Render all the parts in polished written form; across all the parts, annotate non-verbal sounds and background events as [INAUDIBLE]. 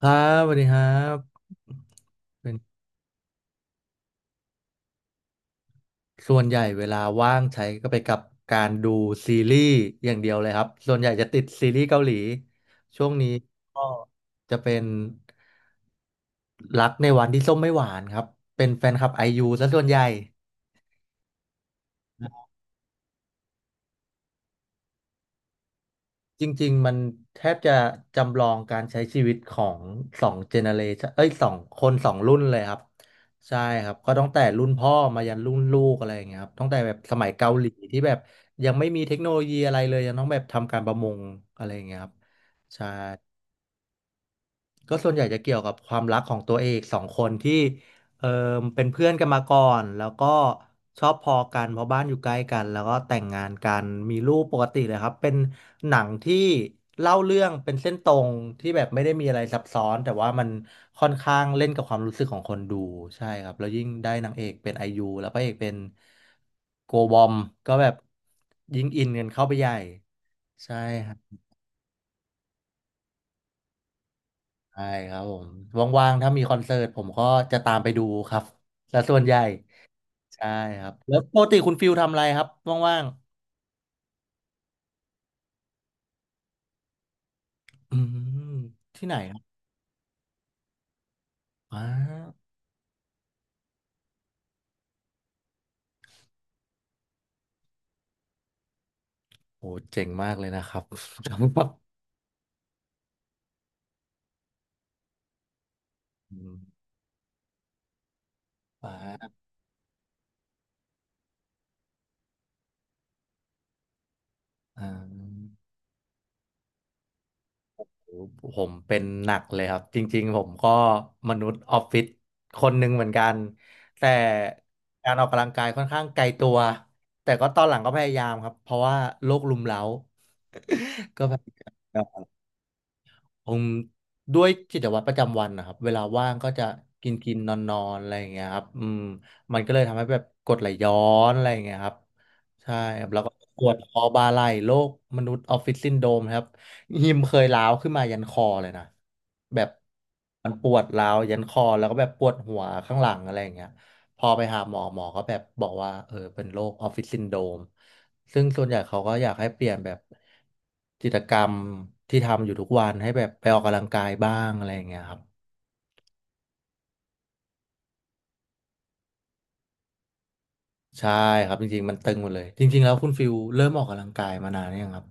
ครับสวัสดีครับเป็นส่วนใหญ่เวลาว่างใช้ก็ไปกับการดูซีรีส์อย่างเดียวเลยครับส่วนใหญ่จะติดซีรีส์เกาหลีช่วงนี้ก็จะเป็นรักในวันที่ส้มไม่หวานครับเป็นแฟนคลับไอยูซะส่วนใหญ่ จริงๆ มันแทบจะจำลองการใช้ชีวิตของสองเจเนเรชันเอ้ยสองคนสองรุ่นเลยครับใช่ครับก็ตั้งแต่รุ่นพ่อมายันรุ่นลูกอะไรอย่างเงี้ยครับตั้งแต่แบบสมัยเกาหลีที่แบบยังไม่มีเทคโนโลยีอะไรเลยยังต้องแบบทำการประมงอะไรอย่างเงี้ยครับใช่ ก็ส่วนใหญ่จะเกี่ยวกับความรักของตัวเอกสองคนที่เออเป็นเพื่อนกันมาก่อนแล้วก็ชอบพอกันเพราะบ้านอยู่ใกล้กันแล้วก็แต่งงานกันมีลูกปกติเลยครับเป็นหนังที่เล่าเรื่องเป็นเส้นตรงที่แบบไม่ได้มีอะไรซับซ้อนแต่ว่ามันค่อนข้างเล่นกับความรู้สึกของคนดูใช่ครับแล้วยิ่งได้นางเอกเป็นไอยูแล้วพระเอกเป็นโกบอมก็แบบยิ่งอินกันเข้าไปใหญ่ใช่ครับ ใช่ครับผมว่างๆถ้ามีคอนเสิร์ตผมก็จะตามไปดูครับและส่วนใหญ่ใช่ครับแล้วปกติคุณฟิลทำอะไรครับว่างๆอืมที่ไหนครับอ้าโอ้เจ๋งมากเลยนะครับ [LAUGHS] จำแบบอืมอ่าอ่าโหผมเป็นหนักเลยครับจริงๆผมก็มนุษย์ออฟฟิศคนหนึ่งเหมือนกันแต่การออกกำลังกายค่อนข้างไกลตัวแต่ก็ตอนหลังก็พยายามครับเพราะว่าโรครุมเร้า [LAUGHS] ก็พยายาม อืมด้วยกิจวัตรประจำวันนะครับเวลาว่างก็จะกินกินนอนนอนๆอะไรอย่างเงี้ยครับอืมมันก็เลยทำให้แบบกรดไหลย้อนอะไรอย่างเงี้ยครับใช่ครับแล้วก็ปวดคอบ่าไหล่โรคมนุษย์ออฟฟิศซินโดรมครับหิมเคยร้าวขึ้นมายันคอเลยนะแบบมันปวดร้าวยันคอแล้วก็แบบปวดหัวข้างหลังอะไรอย่างเงี้ย พอไปหาหมอหมอก็แบบบอกว่าเป็นโรคออฟฟิศซินโดรมซึ่งส่วนใหญ่เขาก็อยากให้เปลี่ยนแบบกิจกรรมที่ทำอยู่ทุกวันให้แบบไปออกกำลังกายบ้างอะไรอย่างเงี้ยครับใช่ครับจริงๆมันตึงหมดเลยจริงๆแล้วคุณฟิลเริ่มออกกำลังกายมานานหรือยังครับ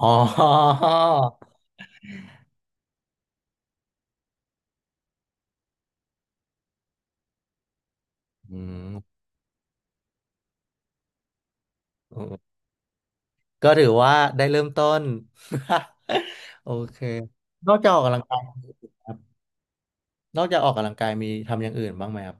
อ๋ออืมอมก็ถือว่าได้เริ่มต้น [LAUGHS] โอเคนอกจากออกกำลังกายครับนอกจากออกกำลังกายมีทำอย่างอื่นบ้างไหมครับ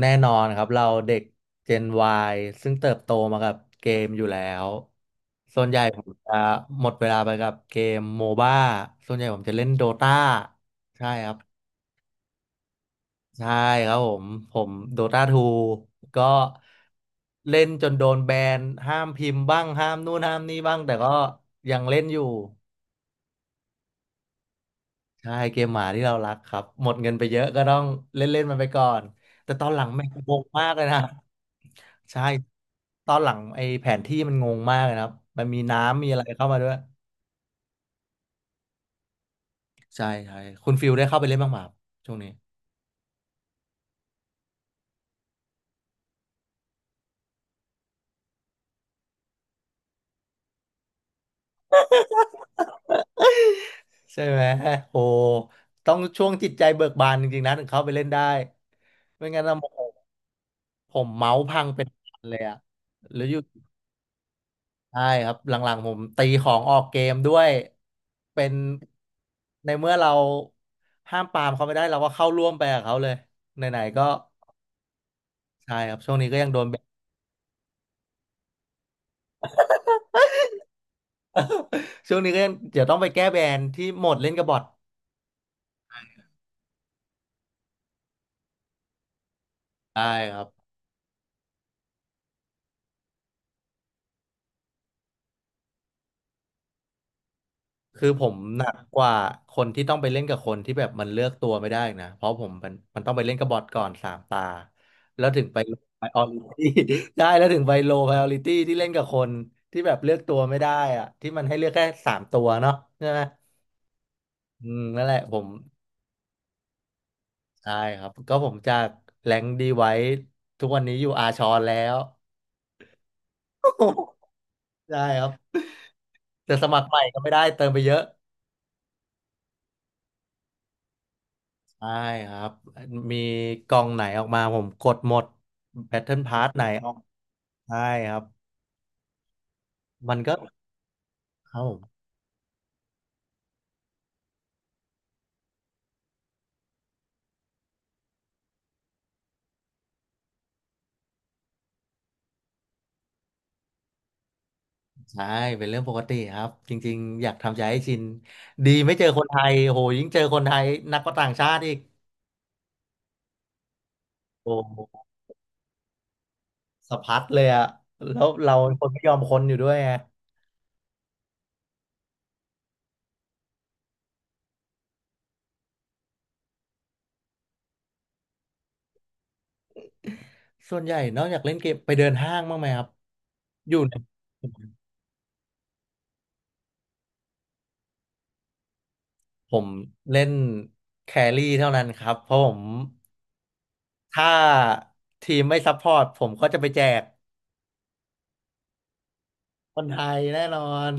แน่นอนครับเราเด็ก Gen Y ซึ่งเติบโตมากับเกมอยู่แล้ว ส่วนใหญ่ผมจะหมดเวลาไปกับเกมโมบ้าส่วนใหญ่ผมจะเล่นโดตาใช่ครับ ใช่ครับผมโดตาทูก็เล่นจนโดนแบนห้ามพิมพ์บ้างห้ามนู่นห้ามนี่บ้างแต่ก็ยังเล่นอยู่ ใช่เกมหมาที่เรารักครับหมดเงินไปเยอะก็ต้องเล่นเล่นมันไปก่อนแต่ตอนหลังแม่งงงมากเลยนะใช่ตอนหลังไอ้แผนที่มันงงมากเลยนะครับมันมีน้ำมีอะไรเข้ามาด้วยใช่ใช่คุณฟิลได้เข้าไปเล่นบ้างไหมครับช่วงนี้ใช่ไหมโอ้ต้องช่วงจิตใจเบิกบานจริงๆนะถึงเข้าไปเล่นได้ไม่งั้นนะโมโหผมเมาส์พังเป็นพันเลยอะหรืออยู่ ใช่ครับหลังๆผมตีของออกเกมด้วยเป็นในเมื่อเราห้ามปรามเขาไม่ได้เราก็เข้าร่วมไปกับเขาเลยไหนๆก็ใช่ครับช่วงนี้ก็ยังโดนแบนช่วงนี้ก็ยังเดี๋ยวต้องไปแก้แบนที่โหมดเล่นกับบอทใช่ครับ คือผมหนักกว่าคนที่ต้องไปเล่นกับคนที่แบบมันเลือกตัวไม่ได้นะเพราะผมมันต้องไปเล่นกับบอทก่อนสามตาแล้วถึงไปไพรออริตี้ [LAUGHS] ได้แล้วถึงไปโลไพรออริตี้ที่เล่นกับคนที่แบบเลือกตัวไม่ได้อะที่มันให้เลือกแค่สามตัวเนาะใช่ไหมอืมนั่นแหละผมใช่ครับก็ผมจากแรงดีไว้ทุกวันนี้อยู่อาชอนแล้ว [LAUGHS] ใช่ครับแต่สมัครใหม่ก็ไม่ได้เติมไปเยอะ ได้ครับมีกล่องไหนออกมาผมกดหมด Battle Pass ไหนออกใช่ครับมันก็ครับผมใช่เป็นเรื่องปกติครับจริงๆอยากทำใจให้ชินดีไม่เจอคนไทยโหยิ่งเจอคนไทยหนักก็ต่างชาติอีกโอ้โหสะพัดเลยอะแล้วเราเป็นคนไม่ยอมคนอยู่ด้วยไงส่วนใหญ่นอกจากเล่นเกมไปเดินห้างบ้างไหมครับอยู่ในผมเล่นแครี่เท่านั้นครับเพราะผม ถ้าทีมไม่ซัพพอร์ตผมก็จะไปแจกคนไทยแน่นอน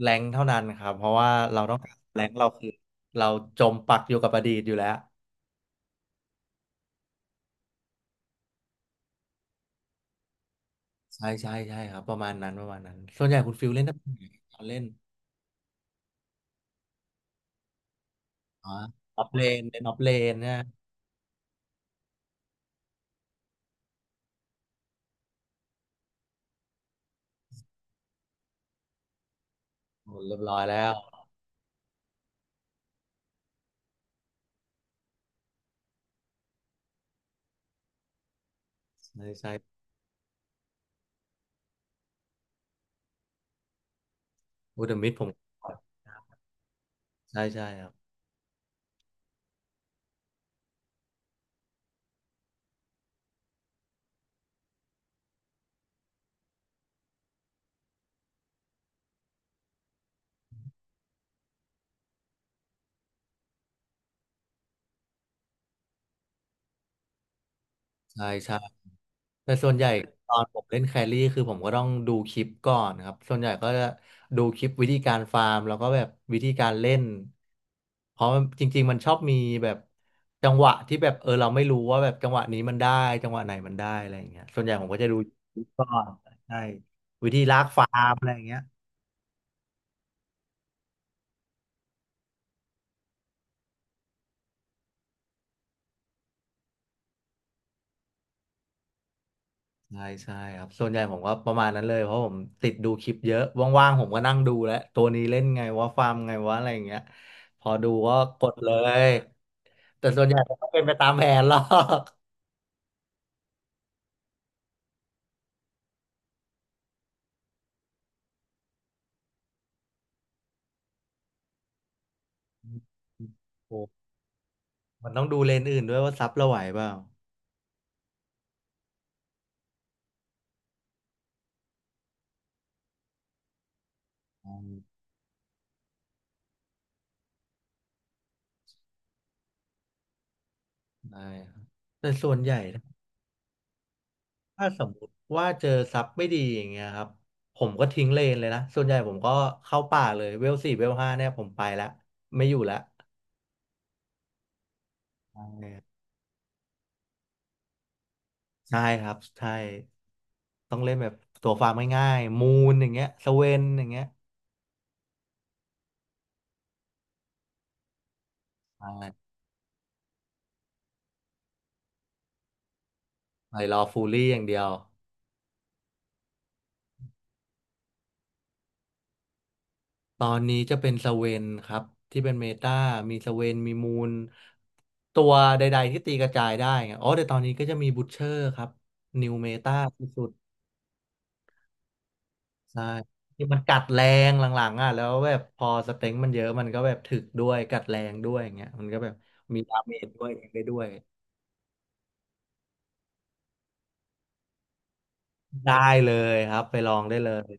แรงเท่านั้นครับเพราะว่าเราต้องการแรงเราคือเราจมปักอยู่กับอดีตอยู่แล้วใช่ใช่ใช่ครับประมาณนั้นประมาณนั้นส่วนใหญ่คุณฟิลเล่นตำแหน่งไหนตอนเล่นอ๋อออฟเลนเล่นออฟเลนเนี่ยโอ้เรียบร้อยแล้วใช่ใช่โอ้เดอะมิดผมใช่ใช่ครับใช่ใช่ แต่ส่วนใหญ่ตอนผมเล่นแครี่คือผมก็ต้องดูคลิปก่อนครับส่วนใหญ่ก็จะดูคลิปวิธีการฟาร์มแล้วก็แบบวิธีการเล่นเพราะมันจริงๆมันชอบมีแบบจังหวะที่แบบเราไม่รู้ว่าแบบจังหวะนี้มันได้จังหวะไหนมันได้อะไรอย่างเงี้ยส่วนใหญ่ผมก็จะดูคลิปก่อนใช่วิธีลามอะไรอย่างเงี้ยใช่ใช่ครับส่วนใหญ่ผมก็ประมาณนั้นเลยเพราะผมติดดูคลิปเยอะว่างๆผมก็นั่งดูแล้วตัวนี้เล่นไงว่าฟาร์มไงว่าอะไรอย่างเงี้ยพอดูก็กดเลย แต่ส่วนใหญ่มันก็เป็นไปตามแผนหรอกโอ้มันต้องดูเลนส์อื่นด้วยว่าซับเราไหวเปล่าอืมได้ครับแต่ส่วนใหญ่ถ้าสมมติว่าเจอซับไม่ดีอย่างเงี้ยครับผมก็ทิ้งเลนเลยนะ ส่วนใหญ่ผมก็เข้าป่าเลยเวลสี่เวลห้าเนี่ยผมไปแล้วไม่อยู่แล้วใช่ครับใช่ต้องเล่นแบบตัวฟาร์มง่ายๆมูนอย่างเงี้ยสเวนอย่างเงี้ยใช่ไปรอฟูลลี่อย่างเดียว ตอนนี้จะเป็นสเวนครับที่เป็นเมตามีสเวนมีมูลตัวใดๆที่ตีกระจายได้ไงอ๋อแต่ตอนนี้ก็จะมีบู t เชอร์ครับนิวเมตาสุดๆใช่ที่มันกัดแรงหลังๆอ่ะแล้วแบบพอสเต็งมันเยอะมันก็แบบถึกด้วยกัดแรงด้วยอย่างเงี้ยมันก็แบบมีดาเมจด้วยเองได้ด้วยได้เลยครับไปลองได้เลย